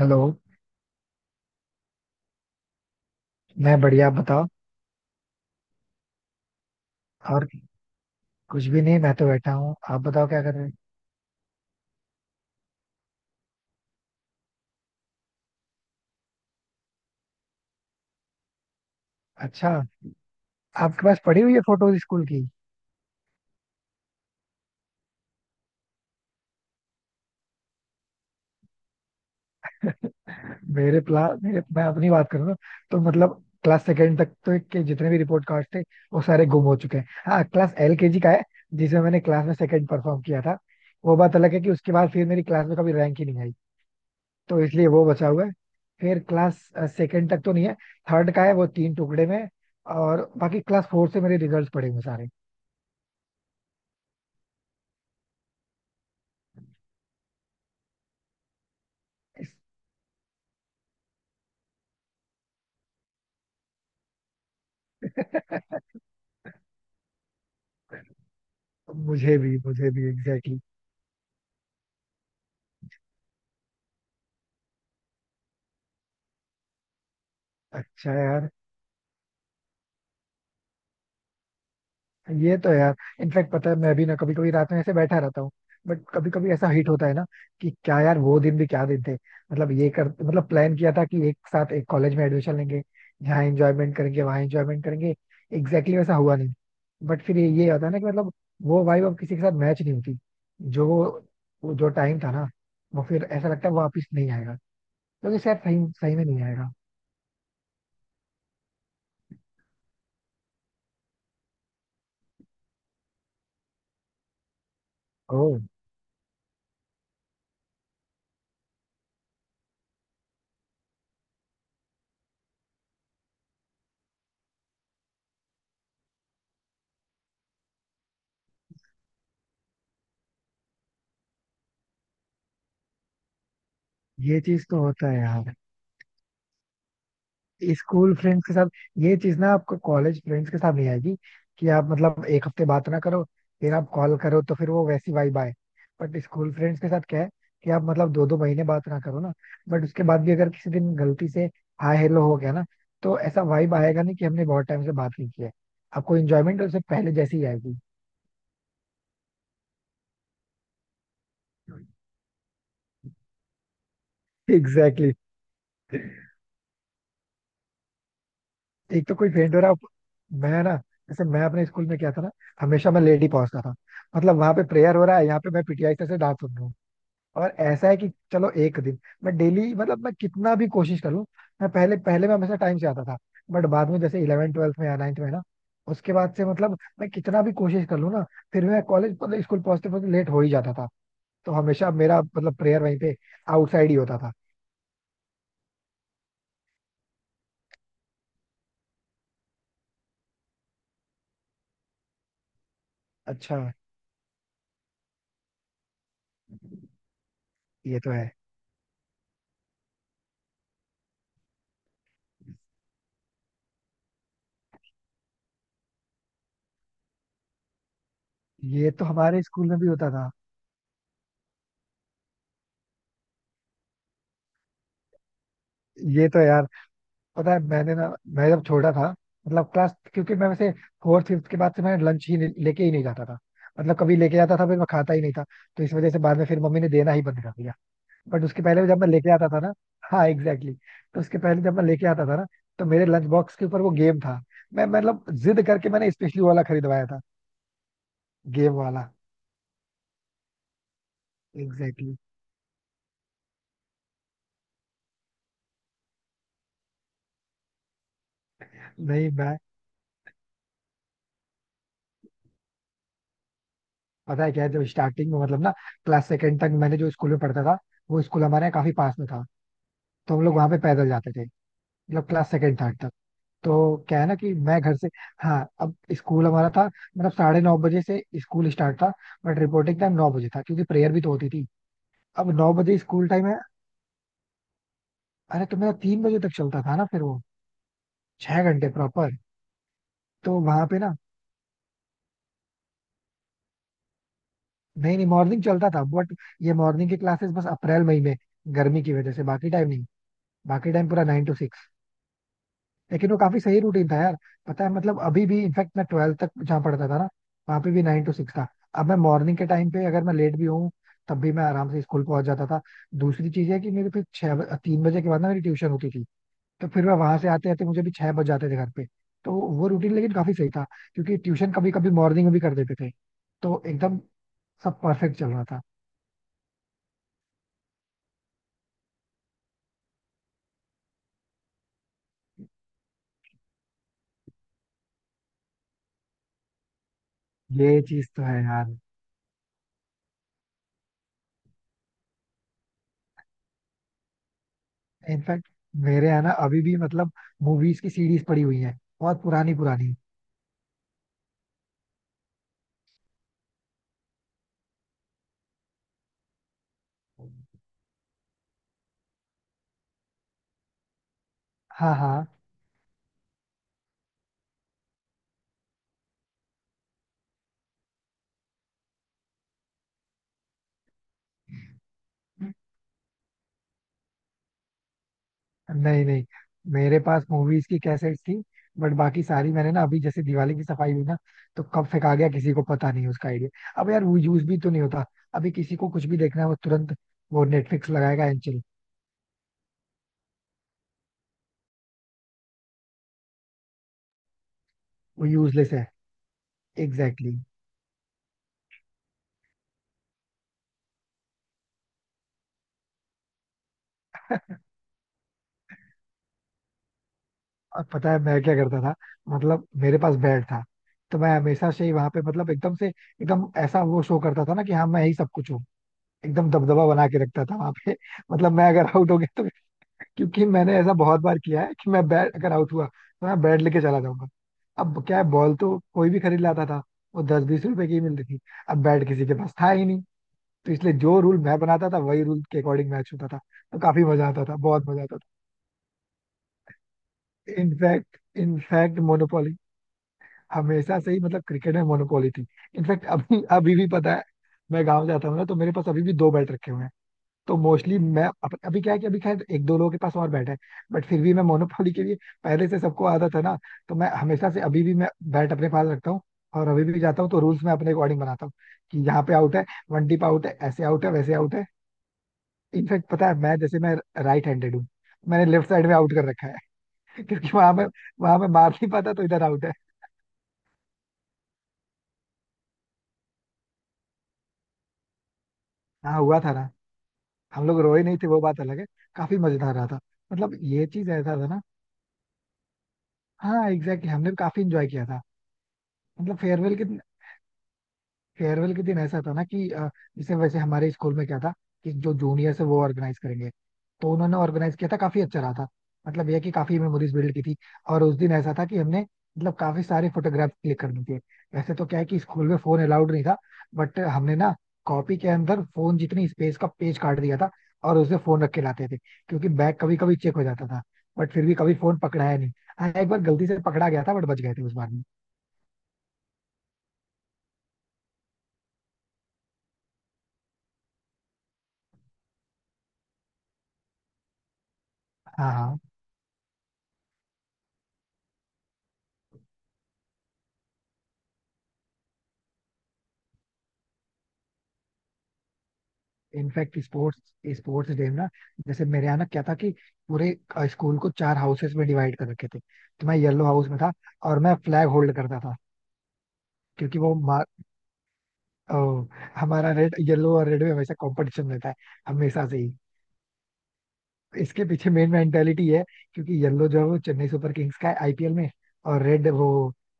Hello. मैं बढ़िया, आप बताओ। और कुछ भी नहीं, मैं तो बैठा हूँ, आप बताओ क्या कर रहे हैं। अच्छा, आपके पास पड़ी हुई है फोटोज स्कूल की। मेरे प्ला मेरे मैं अपनी बात करूँ ना, तो मतलब क्लास सेकेंड तक तो के जितने भी रिपोर्ट कार्ड थे वो सारे गुम हो चुके हैं। हाँ, क्लास एलकेजी का है जिसमें मैंने क्लास में सेकंड परफॉर्म किया था। वो बात अलग है कि उसके बाद फिर मेरी क्लास में कभी रैंक ही नहीं आई, तो इसलिए वो बचा हुआ है। फिर क्लास सेकंड तक तो नहीं है, थर्ड का है, वो तीन टुकड़े में है, और बाकी क्लास फोर से मेरे रिजल्ट पड़े हुए हैं सारे। मुझे भी एग्जैक्टली exactly. अच्छा यार, ये तो यार, इनफैक्ट पता है, मैं भी ना कभी कभी रात में ऐसे बैठा रहता हूँ। बट कभी कभी ऐसा हिट होता है ना, कि क्या यार, वो दिन भी क्या दिन थे। मतलब ये कर मतलब प्लान किया था कि एक साथ एक कॉलेज में एडमिशन लेंगे, यहाँ एंजॉयमेंट करेंगे, वहाँ एंजॉयमेंट करेंगे। एग्जैक्टली वैसा हुआ नहीं। बट फिर ये होता है ना कि मतलब वो वाइब अब किसी के साथ मैच नहीं होती। जो टाइम था ना, वो फिर ऐसा लगता है वापिस नहीं आएगा, क्योंकि शायद सही सही में नहीं आएगा। ओह, ये चीज तो होता है यार। स्कूल फ्रेंड्स के साथ ये चीज ना आपको कॉलेज फ्रेंड्स के साथ नहीं आएगी, कि आप मतलब एक हफ्ते बात ना करो, फिर आप कॉल करो तो फिर वो वैसी वाइब आए। बट स्कूल फ्रेंड्स के साथ क्या है कि आप मतलब दो दो महीने बात ना करो ना, बट उसके बाद भी अगर किसी दिन गलती से हाय हेलो हो गया ना, तो ऐसा वाइब आएगा नहीं कि हमने बहुत टाइम से बात नहीं की है। आपको इंजॉयमेंट उससे पहले जैसी ही आएगी। एग्जैक्टली। एक तो कोई फेंट हो रहा है, मैं ना, जैसे मैं अपने स्कूल में क्या था ना, हमेशा मैं लेट ही पहुंचता था। मतलब वहां पे प्रेयर हो रहा है, यहाँ पे मैं पीटीआई सर से डांट सुन रहा हूँ। और ऐसा है कि चलो एक दिन मैं डेली मतलब मैं कितना भी कोशिश कर लूं, मैं पहले पहले मैं हमेशा टाइम से आता था। बट बाद में जैसे 11th 12th में या नाइन्थ में ना, उसके बाद से मतलब मैं कितना भी कोशिश कर लूं ना, फिर मैं कॉलेज मतलब स्कूल पहुंचते पहुंचते लेट हो ही जाता था। तो हमेशा मेरा मतलब प्रेयर वहीं पे आउटसाइड ही होता था। अच्छा, ये तो है। ये तो हमारे स्कूल में भी होता था। ये तो यार, पता है मैंने ना, मैं जब छोटा था मतलब क्लास, क्योंकि मैं वैसे फोर्थ फिफ्थ के बाद से मैं लंच ही नहीं- लेके ही नहीं जाता था। मतलब कभी लेके जाता था फिर मैं खाता ही नहीं था, तो इस वजह से बाद में फिर मम्मी ने देना ही बंद कर दिया। बट उसके पहले जब मैं लेके आता था ना, हाँ एग्जैक्टली exactly, तो उसके पहले जब मैं लेके आता था ना, तो मेरे लंच बॉक्स के ऊपर वो गेम था, मैं मतलब जिद करके मैंने स्पेशली वाला खरीदवाया था, गेम वाला। Exactly exactly. नहीं मैं, पता है क्या है, जब स्टार्टिंग में मतलब ना, क्लास सेकंड तक मैंने जो स्कूल में पढ़ता था, वो स्कूल हमारे यहाँ काफी पास में था, तो हम लोग वहां पे पैदल जाते थे मतलब क्लास सेकंड थर्ड तक, तो क्या है ना कि मैं घर से, हाँ, अब स्कूल हमारा था मतलब 9:30 बजे से स्कूल स्टार्ट था, बट रिपोर्टिंग टाइम 9 बजे था क्योंकि प्रेयर भी तो होती थी। अब 9 बजे स्कूल टाइम है। अरे तो मेरा 3 बजे तक चलता था ना, फिर वो 6 घंटे प्रॉपर। तो वहां पे ना, नहीं नहीं, मॉर्निंग चलता था, बट ये मॉर्निंग की क्लासेस बस अप्रैल मई में, गर्मी की वजह से, बाकी टाइम नहीं। बाकी टाइम पूरा नाइन टू। लेकिन वो काफी सही रूटीन था यार। पता है, मतलब अभी भी इनफैक्ट मैं 12th तक जहाँ पढ़ता था ना, वहाँ पे भी 9 to 6 था। अब मैं मॉर्निंग के टाइम पे अगर मैं लेट भी हूँ, तब भी मैं आराम से स्कूल पहुंच जाता था। दूसरी चीज है कि मेरे फिर छह 3 बजे के बाद ना मेरी ट्यूशन होती थी, तो फिर मैं वहां से आते आते मुझे भी 6 बज जाते थे घर पे। तो वो रूटीन लेकिन काफी सही था, क्योंकि ट्यूशन कभी कभी मॉर्निंग में भी कर देते थे, तो एकदम सब परफेक्ट चल रहा था। ये चीज तो है यार। इनफैक्ट मेरे यहाँ ना अभी भी मतलब मूवीज की सीरीज पड़ी हुई है बहुत पुरानी पुरानी। हाँ, हाँ। नहीं नहीं, मेरे पास मूवीज की कैसेट्स थी, बट बाकी सारी मैंने ना अभी जैसे दिवाली की सफाई हुई ना, तो कब फेंका गया किसी को पता नहीं उसका आइडिया। अब यार वो यूज भी तो नहीं होता। अभी किसी को कुछ भी देखना है वो तुरंत वो नेटफ्लिक्स लगाएगा एंड चिल। वो यूजलेस है। Exactly exactly. और पता है मैं क्या करता था, मतलब मेरे पास बेड था, तो मैं हमेशा से ही वहां पे मतलब एकदम से एकदम ऐसा वो शो करता था ना कि हाँ मैं यही सब कुछ हूँ। एकदम दबदबा बना के रखता था वहां पे। मतलब मैं अगर आउट हो गया तो, क्योंकि मैंने ऐसा बहुत बार किया है कि मैं बैट अगर आउट हुआ तो मैं बैट लेके चला जाऊंगा। अब क्या है, बॉल तो कोई भी खरीद लाता था, वो 10-20 रुपए की ही मिलती थी। अब बैट किसी के पास था ही नहीं, तो इसलिए जो रूल मैं बनाता था वही रूल के अकॉर्डिंग मैच होता था। तो काफी मजा आता था, बहुत मजा आता था। इनफैक्ट इनफैक्ट मोनोपोली, हमेशा से ही मतलब क्रिकेट में मोनोपोली थी। इनफैक्ट अभी अभी भी पता है, मैं गांव जाता हूँ ना तो मेरे पास अभी भी दो बैट रखे हुए हैं। तो मोस्टली मैं अभी क्या है कि अभी खैर एक दो लोगों के पास और बैठा है, बट फिर भी मैं मोनोपोली के लिए, पहले से सबको आदत है ना, तो मैं हमेशा से अभी भी मैं बैट अपने पास रखता हूँ, और अभी भी जाता हूँ तो रूल्स मैं अपने अकॉर्डिंग बनाता हूँ, कि यहाँ पे आउट है, वन टिप आउट है, ऐसे आउट है वैसे आउट है। इनफैक्ट पता है, मैं जैसे मैं राइट हैंडेड हूँ, मैंने लेफ्ट साइड में आउट कर रखा है। क्योंकि वहां में मार नहीं पाता तो इधर आउट है। हाँ, हुआ था ना। हम लोग रोए नहीं थे वो बात अलग है, काफी मजेदार रहा था। मतलब ये चीज ऐसा था ना, हाँ एग्जैक्टली exactly, हमने भी काफी इंजॉय किया था। मतलब फेयरवेल के दिन ऐसा था ना कि जैसे वैसे हमारे स्कूल में क्या था कि जो जूनियर्स है वो ऑर्गेनाइज करेंगे, तो उन्होंने ऑर्गेनाइज किया था, काफी अच्छा रहा था। मतलब यह कि काफी मेमोरीज बिल्ड की थी। और उस दिन ऐसा था कि हमने मतलब काफी सारे फोटोग्राफ क्लिक करने थे। वैसे तो क्या है कि स्कूल में फोन अलाउड नहीं था, बट हमने ना कॉपी के अंदर फोन जितनी स्पेस का पेज काट दिया था और उसमें फोन रख के लाते थे, क्योंकि बैग कभी कभी चेक हो जाता था। बट फिर भी कभी फोन पकड़ाया नहीं। हाँ, एक बार गलती से पकड़ा गया था बट बच गए थे उस बार में। हाँ हाँ। इनफैक्ट स्पोर्ट्स स्पोर्ट्स डे में ना, जैसे मेरे यहाँ ना क्या था कि पूरे स्कूल को चार हाउसेस में डिवाइड कर रखे थे, तो मैं येलो हाउस में था, और मैं फ्लैग होल्ड करता था। क्योंकि वो मा- अ, हमारा रेड येलो, और रेड में हमेशा कंपटीशन रहता है, हमेशा से ही। इसके पीछे मेन मेंटेलिटी है, क्योंकि येलो जो है वो चेन्नई सुपर किंग्स का है आईपीएल में, और रेड वो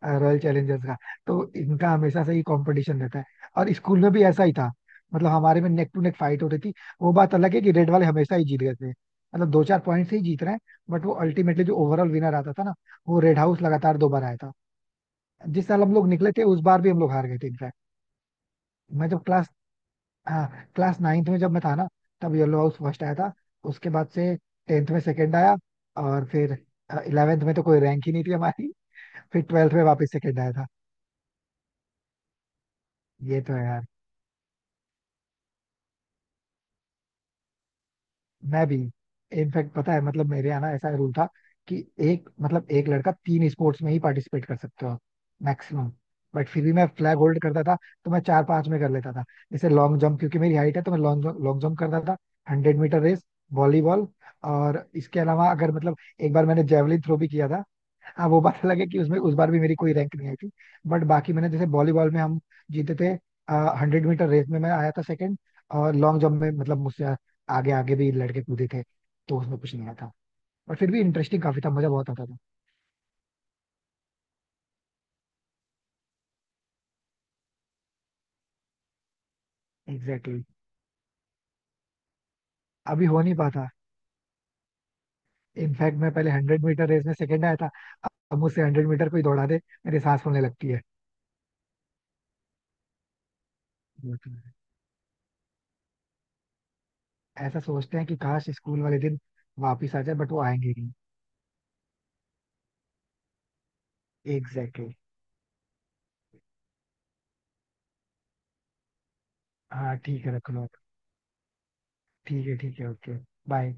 रॉयल चैलेंजर्स का। तो इनका हमेशा से ही कंपटीशन रहता है, और स्कूल में भी ऐसा ही था। मतलब हमारे में नेक टू नेक फाइट होती थी। वो बात अलग है कि रेड वाले हमेशा ही जीत गए थे, मतलब दो चार पॉइंट से ही जीत रहे हैं। बट वो अल्टीमेटली जो ओवरऑल विनर आता था ना, वो रेड हाउस लगातार दो बार आया था। जिस साल हम लोग निकले थे उस बार भी हम लोग हार गए थे इनफैक्ट। मैं जब क्लास, हाँ, क्लास नाइन्थ में जब मैं था ना, तब येलो हाउस फर्स्ट आया था। उसके बाद से 10th में सेकंड आया, और फिर 11th में तो कोई रैंक ही नहीं थी हमारी, फिर 12th में वापस सेकंड आया था। ये तो है, मैं भी। इनफैक्ट पता है, मतलब मेरे यहाँ ना ऐसा रूल था कि एक मतलब एक लड़का तीन स्पोर्ट्स में ही पार्टिसिपेट कर सकते हो, मैक्सिमम। बट फिर भी मैं फ्लैग होल्ड करता था, तो मैं चार पांच में कर लेता था। जैसे लॉन्ग जंप, क्योंकि मेरी हाइट है तो मैं लॉन्ग लॉन्ग जंप करता था, 100 मीटर रेस, वॉलीबॉल। और इसके अलावा अगर मतलब एक बार मैंने जेवलिन थ्रो भी किया था। हाँ, वो बात अलग है कि उसमें उस बार भी मेरी कोई रैंक नहीं आई थी, बट बाकी मैंने जैसे वॉलीबॉल में हम जीते थे, 100 मीटर रेस में मैं आया था सेकंड, और लॉन्ग जंप में मतलब मुझसे आगे आगे भी लड़के कूदे थे, तो उसमें कुछ नहीं आया था। बट फिर भी इंटरेस्टिंग काफी था, मजा बहुत आता था। Exactly exactly. अभी हो नहीं पाता। इनफैक्ट मैं पहले 100 मीटर रेस में सेकंड आया था, अब मुझसे 100 मीटर कोई दौड़ा दे मेरे सांस फूलने लगती है। वो तो है। ऐसा सोचते हैं कि काश स्कूल वाले दिन वापिस आ जाए, बट वो आएंगे ही नहीं। Exactly exactly. हाँ ठीक है, रख लो आप। ठीक है, ठीक है, ओके, बाय।